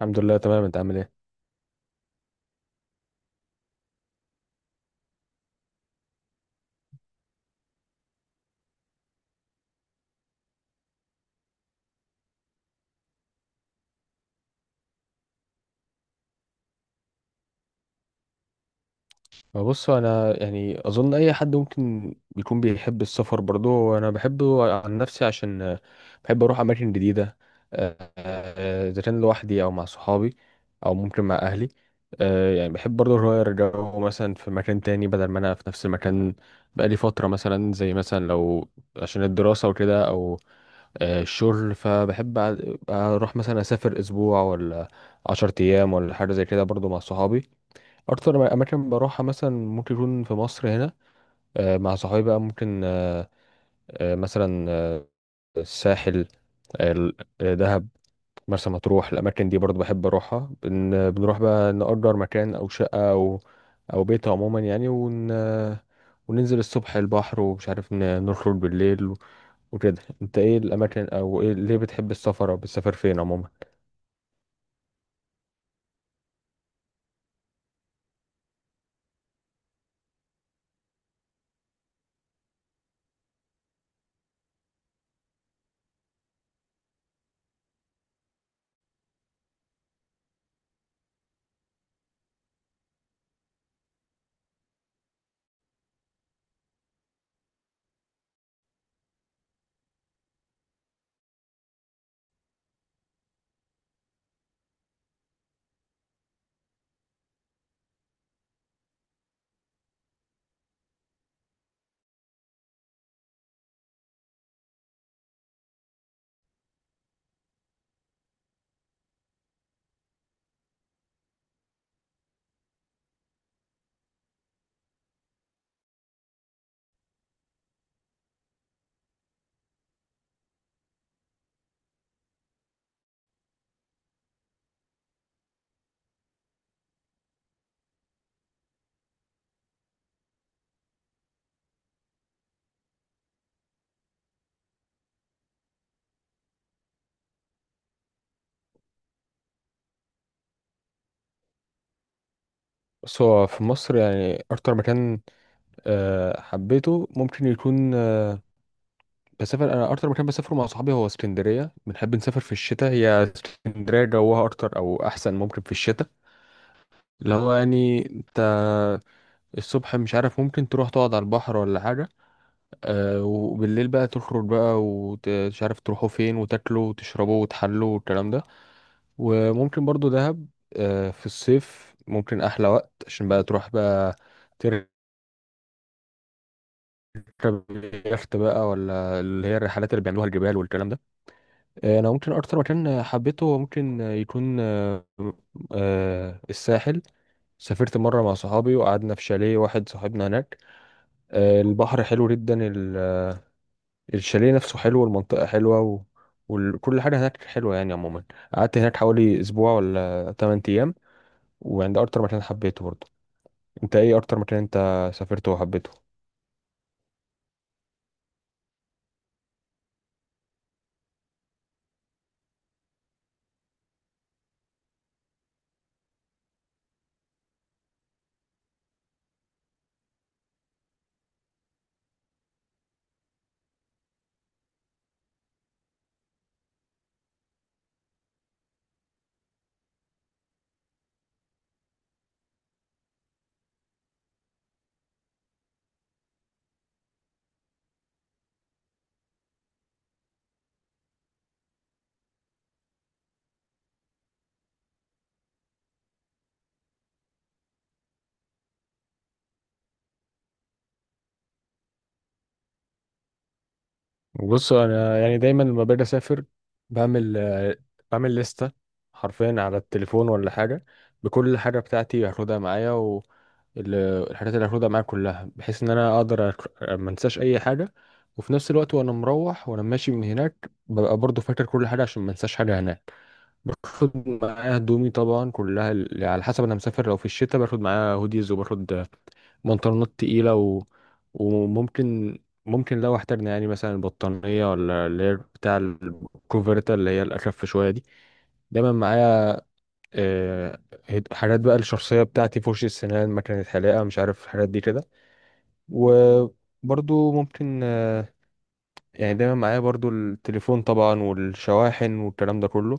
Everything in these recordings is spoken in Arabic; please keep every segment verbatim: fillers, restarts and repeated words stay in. الحمد لله، تمام. انت عامل ايه؟ بص، انا يعني اظن اي حد ممكن يكون بيحب السفر برضه، وانا بحبه عن نفسي عشان آه، بحب اروح اماكن جديده. آه، آه، اذا كان لوحدي او مع صحابي او ممكن مع اهلي. آه، يعني بحب برضه اغير جو، مثلا في مكان تاني بدل ما انا في نفس المكان بقالي فتره، مثلا زي مثلا لو عشان الدراسه وكده، او آه، الشغل. فبحب أ- اروح مثلا اسافر اسبوع ولا عشرة ايام ولا حاجه زي كده برضه مع صحابي. اكتر اماكن بروحها مثلا ممكن يكون في مصر هنا، آه، مع صحابي بقى. ممكن آه، آه، مثلا آه، الساحل، آه، ال- آه، دهب، مرسى مطروح. الاماكن دي برضو بحب اروحها، بن- بنروح بقى نأجر مكان او شقة او او بيت عموما يعني، ون وننزل الصبح البحر، ومش عارف، ن- نخرج بالليل و- وكده. انت ايه الاماكن، او ايه ليه بتحب السفر او بتسافر فين عموما؟ بس هو في مصر يعني اكتر مكان آه، حبيته ممكن يكون، بسافر انا اكتر مكان بسافره مع صحابي هو اسكندريه. بنحب نسافر في الشتاء، هي اسكندريه جوها اكتر او احسن ممكن في الشتاء، اللي هو يعني انت الصبح مش عارف ممكن تروح تقعد على البحر ولا حاجه. أه وبالليل بقى تخرج بقى، ومش عارف تروحوا فين، وتاكلوا وتشربوا وتحلوا والكلام ده. وممكن برضو دهب، آه، في الصيف ممكن احلى وقت، عشان بقى تروح بقى تركب يخت بقى، ولا اللي هي الرحلات اللي بيعملوها الجبال والكلام ده. آه، انا ممكن اكتر مكان حبيته ممكن يكون آه، آه، الساحل. سافرت مرة مع صحابي وقعدنا في شاليه واحد صاحبنا هناك. آه، البحر حلو جدا، ال- آه، الشاليه نفسه حلو، والمنطقة حلوة و... وكل حاجة هناك حلوة يعني عموما. قعدت هناك حوالي أسبوع ولا ثمانية أيام. وعند أكتر مكان حبيته برضه. أنت إيه أكتر مكان أنت سافرته وحبيته؟ بص، انا يعني دايما لما باجي اسافر بعمل آه، بعمل لستة حرفيا على التليفون ولا حاجة بكل حاجة بتاعتي هاخدها معايا. والحاجات اللي هاخدها معايا كلها بحيث ان انا اقدر أك- ما انساش اي حاجة. وفي نفس الوقت وانا مروح وانا ماشي من هناك ببقى برضو فاكر كل حاجة عشان ما انساش حاجة هناك. باخد معايا هدومي طبعا كلها، ال- على حسب انا مسافر. لو في الشتاء باخد معايا هوديز، وباخد بنطلونات تقيلة و... وممكن ممكن لو احتاجنا يعني مثلا بطانية، ولا اللي هي بتاع الكوفرتا اللي هي الأخف شوية دي، دايما معايا. آه، هد- حاجات بقى الشخصية بتاعتي، فرشة سنان، مكنة حلاقة، مش عارف الحاجات دي كده. وبرضو ممكن، آه، يعني دايما معايا برضو التليفون طبعا، والشواحن والكلام ده كله.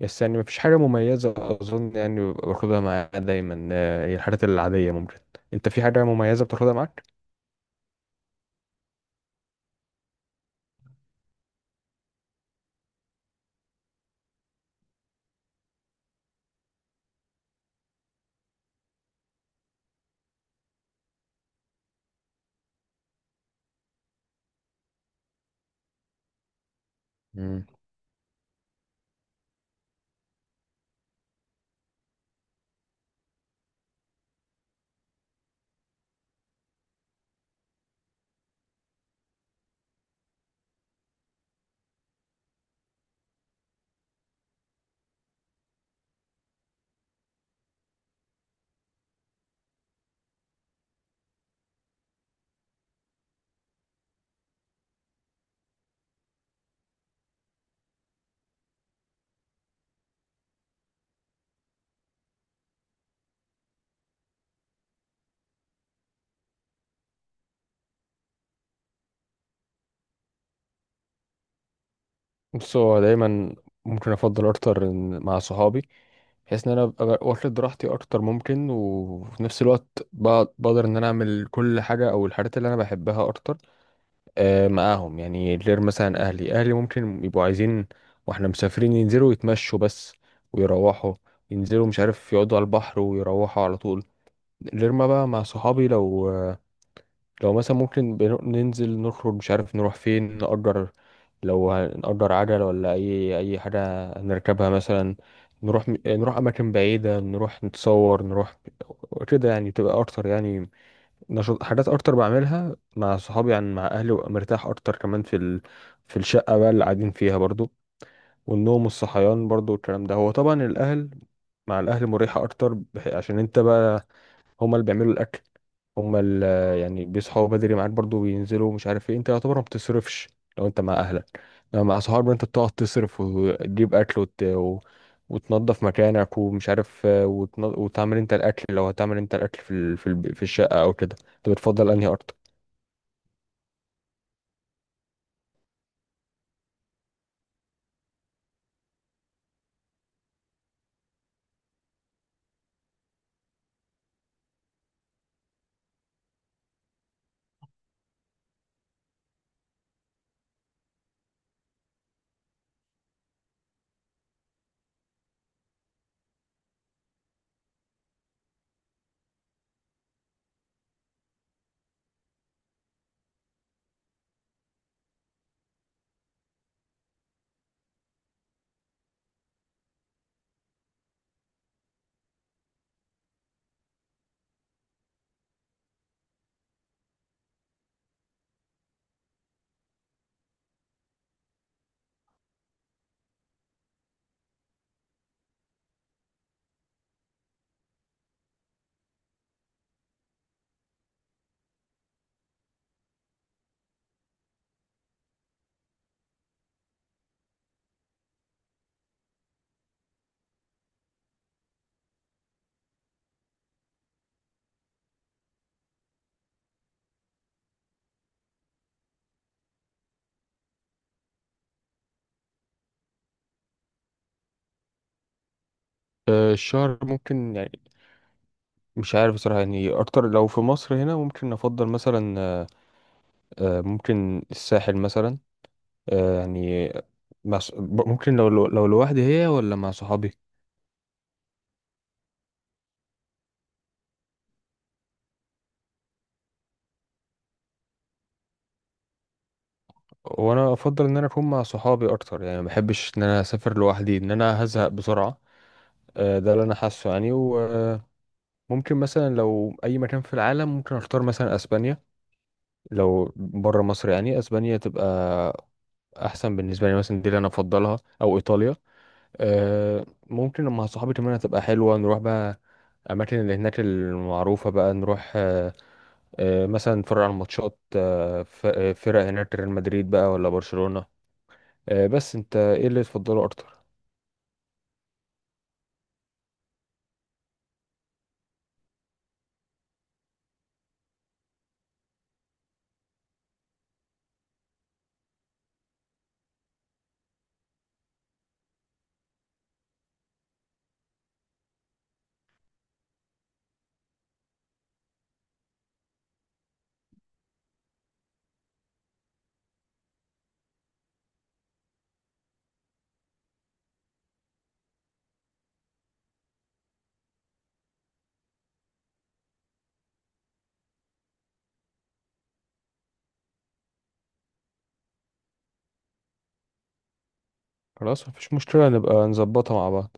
بس يعني مفيش حاجة مميزة أظن يعني باخدها معايا دايما، آه، هي الحاجات العادية ممكن. أنت في حاجة مميزة بتاخدها معاك؟ بص، هو دايما ممكن افضل اكتر إن- مع صحابي، بحيث ان انا ابقى واخد راحتي اكتر ممكن. وفي نفس الوقت بق- بقدر ان انا اعمل كل حاجه او الحاجات اللي انا بحبها اكتر آه، معاهم يعني. غير مثلا اهلي اهلي ممكن يبقوا عايزين واحنا مسافرين ينزلوا يتمشوا بس، ويروحوا ينزلوا مش عارف، يقعدوا على البحر ويروحوا على طول. غير ما بقى مع صحابي، لو لو مثلا ممكن بن- ننزل نخرج مش عارف نروح فين، نأجر، لو هنأجر عجل ولا أي أي حاجة هنركبها مثلا، نروح نروح أماكن بعيدة، نروح نتصور، نروح كده يعني. تبقى أكتر يعني نشاط، حاجات أكتر بعملها مع صحابي يعني مع أهلي. وأبقى مرتاح أكتر كمان في ال... في الشقة بقى اللي قاعدين فيها برضو، والنوم والصحيان برضو والكلام ده. هو طبعا الأهل، مع الأهل مريحة أكتر بح- عشان أنت بقى هما اللي بيعملوا الاكل، هما اللي يعني بيصحوا بدري معاك برضو، بينزلوا مش عارف ايه. انت يعتبر ما بتصرفش لو انت مع اهلك. لو مع صحابك انت بتقعد تصرف وتجيب اكل وت... و... وتنظف مكانك ومش عارف، آه، وتن... وتعمل انت الاكل، لو هتعمل انت الاكل في ال... في, الب... في الشقه او كده. انت بتفضل انهي اكتر؟ آه، الشهر ممكن يعني مش عارف بصراحة، يعني أكتر لو في مصر هنا ممكن أفضل مثلا، آه، آه، ممكن الساحل مثلا. آه، يعني مع ص- ب- ممكن، لو لو لو لوحدي هي، ولا مع صحابي. وانا افضل ان انا اكون مع صحابي اكتر يعني، ما بحبش ان انا اسافر لوحدي، ان انا هزهق بسرعه. آه، ده اللي انا حاسه يعني. وممكن مثلا لو اي مكان في العالم، ممكن اختار مثلا اسبانيا، لو بره مصر يعني. اسبانيا تبقى احسن بالنسبه لي مثلا، دي اللي انا افضلها، او ايطاليا. آه، ممكن لما صحابي كمان هتبقى حلوه نروح بقى الأماكن اللي هناك المعروفة، بقى نروح آه، آه، مثلا نتفرج على الماتشات، آه، ف- آه، فرق هناك، ريال مدريد بقى ولا برشلونة. آه، بس انت ايه اللي تفضله اكتر؟ خلاص، مفيش مشكلة، نبقى نظبطها مع بعض.